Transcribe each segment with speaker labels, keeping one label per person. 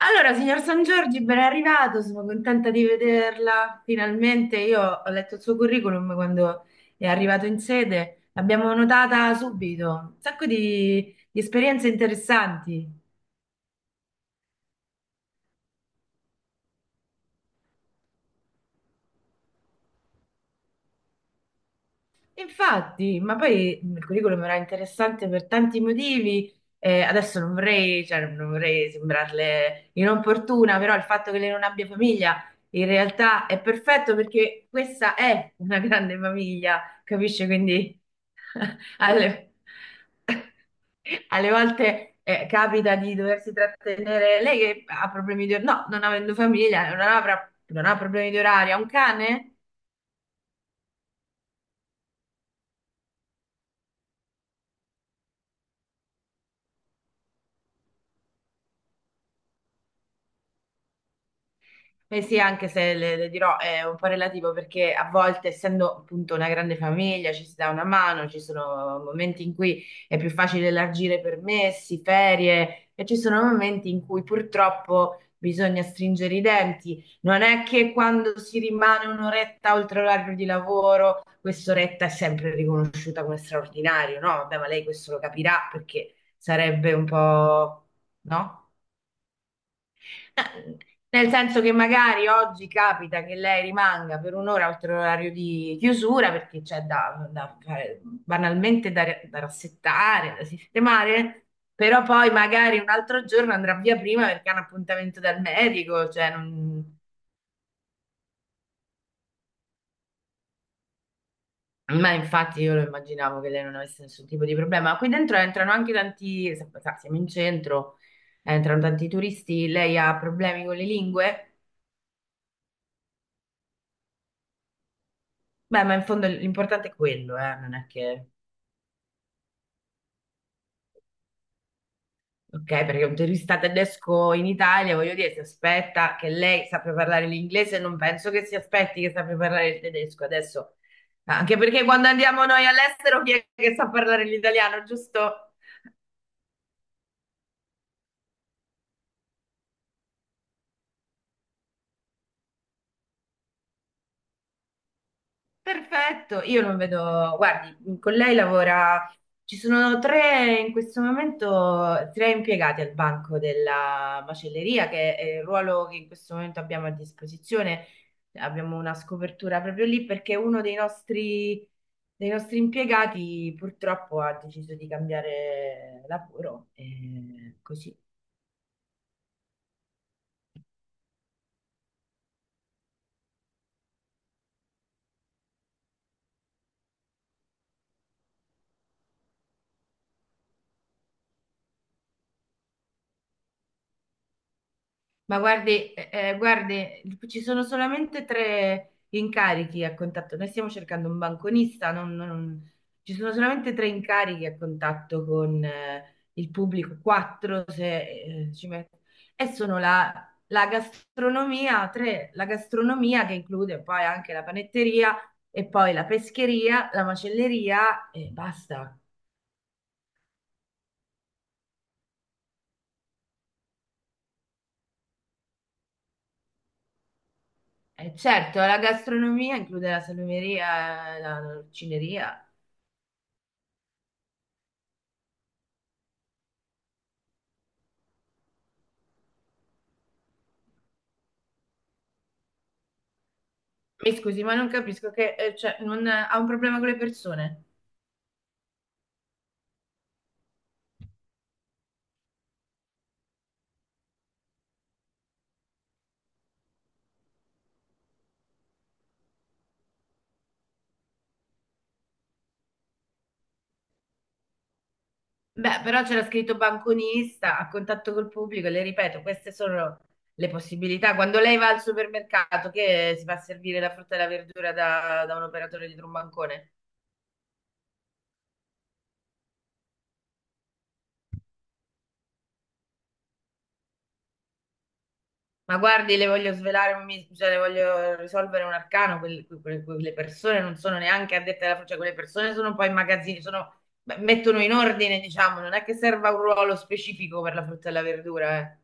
Speaker 1: Allora, signor San Giorgi, ben arrivato, sono contenta di vederla. Finalmente io ho letto il suo curriculum quando è arrivato in sede, l'abbiamo notata subito, un sacco di esperienze interessanti. Infatti, ma poi il curriculum era interessante per tanti motivi. Adesso non vorrei, cioè, non vorrei sembrarle inopportuna, però il fatto che lei non abbia famiglia in realtà è perfetto perché questa è una grande famiglia, capisci? Quindi alle, alle volte capita di doversi trattenere, lei che ha problemi di orario, no, non avendo famiglia, non ha problemi di orario, ha un cane? Beh sì, anche se le dirò è un po' relativo perché a volte, essendo appunto una grande famiglia, ci si dà una mano, ci sono momenti in cui è più facile elargire permessi, ferie e ci sono momenti in cui purtroppo bisogna stringere i denti. Non è che quando si rimane un'oretta oltre l'orario di lavoro, quest'oretta è sempre riconosciuta come straordinario, no? Vabbè, ma lei questo lo capirà perché sarebbe un po', no? Eh, Nel senso che magari oggi capita che lei rimanga per un'ora oltre l'orario di chiusura perché c'è banalmente da rassettare, da sistemare, però poi magari un altro giorno andrà via prima perché ha un appuntamento dal medico, cioè non- Ma infatti io lo immaginavo che lei non avesse nessun tipo di problema. Qui dentro entrano anche tanti, sa, siamo in centro, entrano tanti turisti, lei ha problemi con le lingue. Beh, ma in fondo l'importante è quello, non è che... Ok, perché un turista tedesco in Italia, voglio dire, si aspetta che lei sappia parlare l'inglese, non penso che si aspetti che sappia parlare il tedesco adesso, anche perché quando andiamo noi all'estero chi è che sa parlare l'italiano, giusto? Perfetto, io non vedo, guardi, con lei lavora, ci sono 3 in questo momento, 3 impiegati al banco della macelleria, che è il ruolo che in questo momento abbiamo a disposizione. Abbiamo una scopertura proprio lì perché uno dei nostri impiegati purtroppo ha deciso di cambiare lavoro, e così. Ma guardi, guardi, ci sono solamente 3 incarichi a contatto. Noi stiamo cercando un banconista, ci sono solamente tre incarichi a contatto con il pubblico, 4 se ci metto. E sono la gastronomia, 3, la gastronomia che include poi anche la panetteria e poi la pescheria, la macelleria e basta. E certo, la gastronomia include la salumeria, la l'orcineria. Mi scusi, ma non capisco che cioè, non, ha un problema con le persone. Beh, però c'era scritto banconista, a contatto col pubblico, le ripeto, queste sono le possibilità. Quando lei va al supermercato, che si fa servire la frutta e la verdura da un operatore dietro un bancone? Ma guardi, le voglio svelare, un cioè, le voglio risolvere un arcano, quelle persone non sono neanche addette alla frutta, cioè, quelle persone sono poi in magazzini, sono- beh, mettono in ordine, diciamo, non è che serva un ruolo specifico per la frutta e la verdura, eh.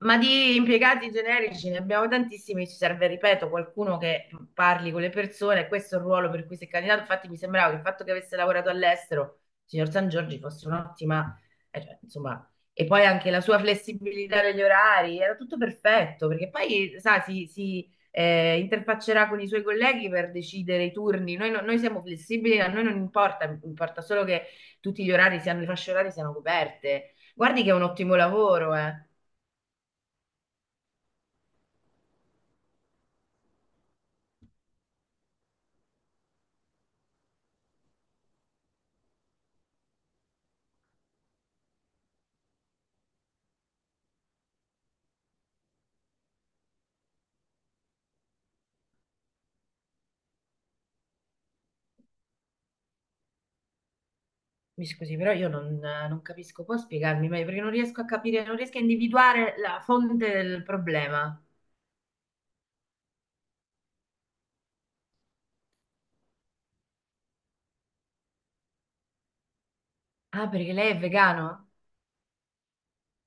Speaker 1: Ma di impiegati generici ne abbiamo tantissimi, ci serve, ripeto, qualcuno che parli con le persone, questo è il ruolo per cui si è candidato. Infatti mi sembrava che il fatto che avesse lavorato all'estero, signor San Giorgi, fosse un'ottima, cioè, insomma, e poi anche la sua flessibilità degli orari, era tutto perfetto, perché poi, sa, interfaccerà con i suoi colleghi per decidere i turni. Noi, no- noi siamo flessibili, a noi non importa, importa solo che tutti gli orari siano, le fasce orarie siano coperte. Guardi che è un ottimo lavoro, eh. Mi scusi, però io non, non capisco, può spiegarmi meglio perché non riesco a capire, non riesco a individuare la fonte del problema. Ah, perché lei è vegano?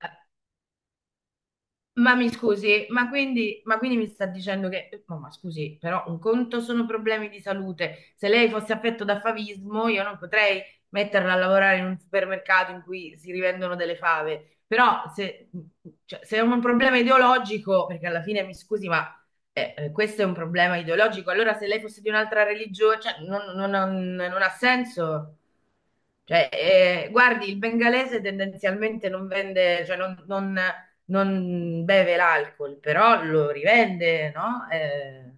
Speaker 1: "Ah, ma mi scusi, ma quindi mi sta dicendo che, no, ma scusi, però un conto sono problemi di salute. Se lei fosse affetto da favismo, io non potrei metterla a lavorare in un supermercato in cui si rivendono delle fave. Però se, cioè, se è un problema ideologico, perché alla fine mi scusi, ma questo è un problema ideologico, allora se lei fosse di un'altra religione, cioè, non ha senso. Cioè, guardi, il bengalese tendenzialmente non vende, cioè non beve l'alcol, però lo rivende, no?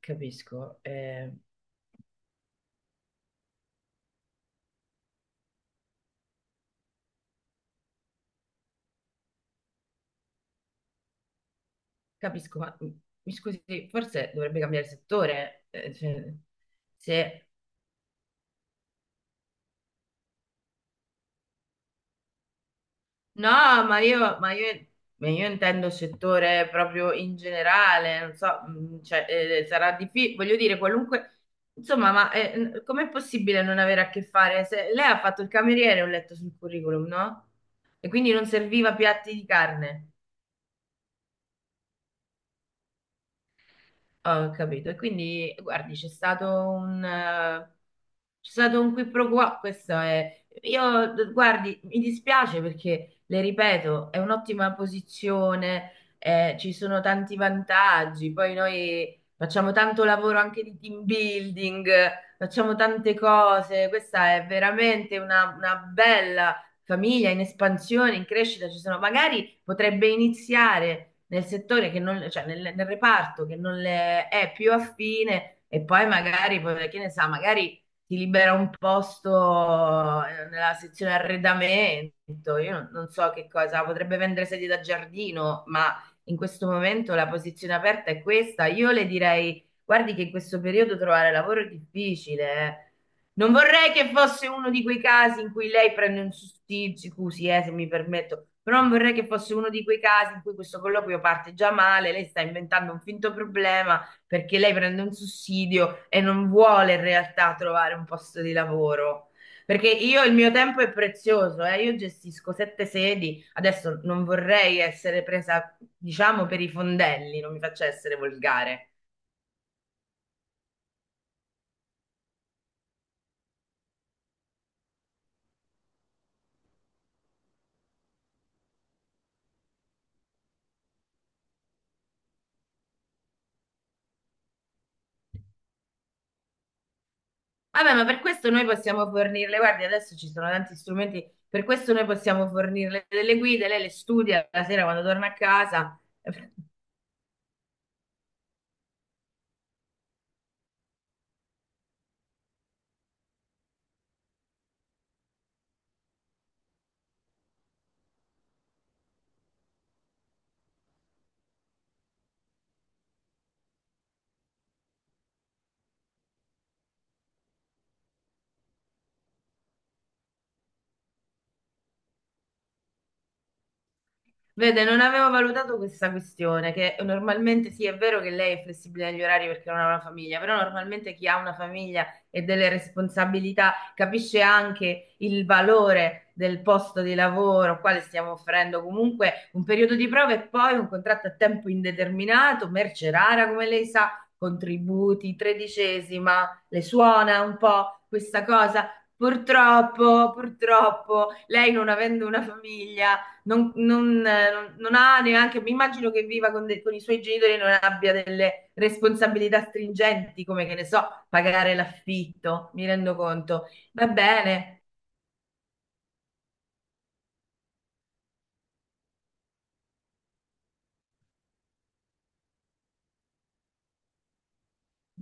Speaker 1: Capisco, capisco, ma mi scusi, forse dovrebbe cambiare settore. Cioè, se no, ma ma io intendo settore proprio in generale, non so, cioè, sarà difficile, voglio dire, qualunque, insomma, ma com'è possibile non avere a che fare? Se- lei ha fatto il cameriere, ho letto sul curriculum, no? E quindi non serviva piatti di carne. Ho capito. E quindi, guardi, c'è stato un... c'è stato un qui pro quo, questo è... guardi, mi dispiace perché, le ripeto, è un'ottima posizione, ci sono tanti vantaggi, poi noi facciamo tanto lavoro anche di team building, facciamo tante cose, questa è veramente una bella famiglia in espansione, in crescita, ci sono... Magari potrebbe iniziare nel settore che non, cioè nel reparto che non le è più affine e poi magari, poi, che ne sa, magari ti libera un posto nella sezione arredamento. Io non so che cosa, potrebbe vendere sedie da giardino, ma in questo momento la posizione aperta è questa. Io le direi, guardi che in questo periodo trovare lavoro è difficile. Non vorrei che fosse uno di quei casi in cui lei prende un sussidio, scusi, se mi permetto, però non vorrei che fosse uno di quei casi in cui questo colloquio parte già male, lei sta inventando un finto problema perché lei prende un sussidio e non vuole in realtà trovare un posto di lavoro. Perché io il mio tempo è prezioso, io gestisco 7 sedi, adesso non vorrei essere presa, diciamo, per i fondelli, non mi faccia essere volgare. Vabbè, ma per questo noi possiamo fornirle, guardi, adesso ci sono tanti strumenti, per questo noi possiamo fornirle delle guide, lei le studia la sera quando torna a casa. Vede, non avevo valutato questa questione, che normalmente sì, è vero che lei è flessibile negli orari perché non ha una famiglia, però normalmente chi ha una famiglia e delle responsabilità capisce anche il valore del posto di lavoro, quale stiamo offrendo comunque un periodo di prova e poi un contratto a tempo indeterminato, merce rara, come lei sa, contributi, 13ª, le suona un po' questa cosa? Purtroppo, purtroppo, lei non avendo una famiglia non ha neanche, mi immagino che viva con, con i suoi genitori e non abbia delle responsabilità stringenti, come che ne so, pagare l'affitto, mi rendo conto. Va bene,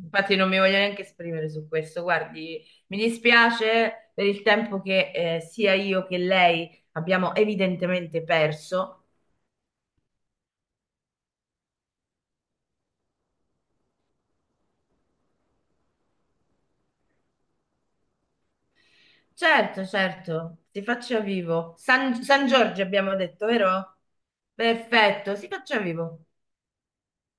Speaker 1: infatti non mi voglio neanche esprimere su questo, guardi, mi dispiace per il tempo che sia io che lei abbiamo evidentemente perso. Certo, certo, si faccia vivo. San, San Giorgio abbiamo detto, vero? Perfetto, si faccia vivo.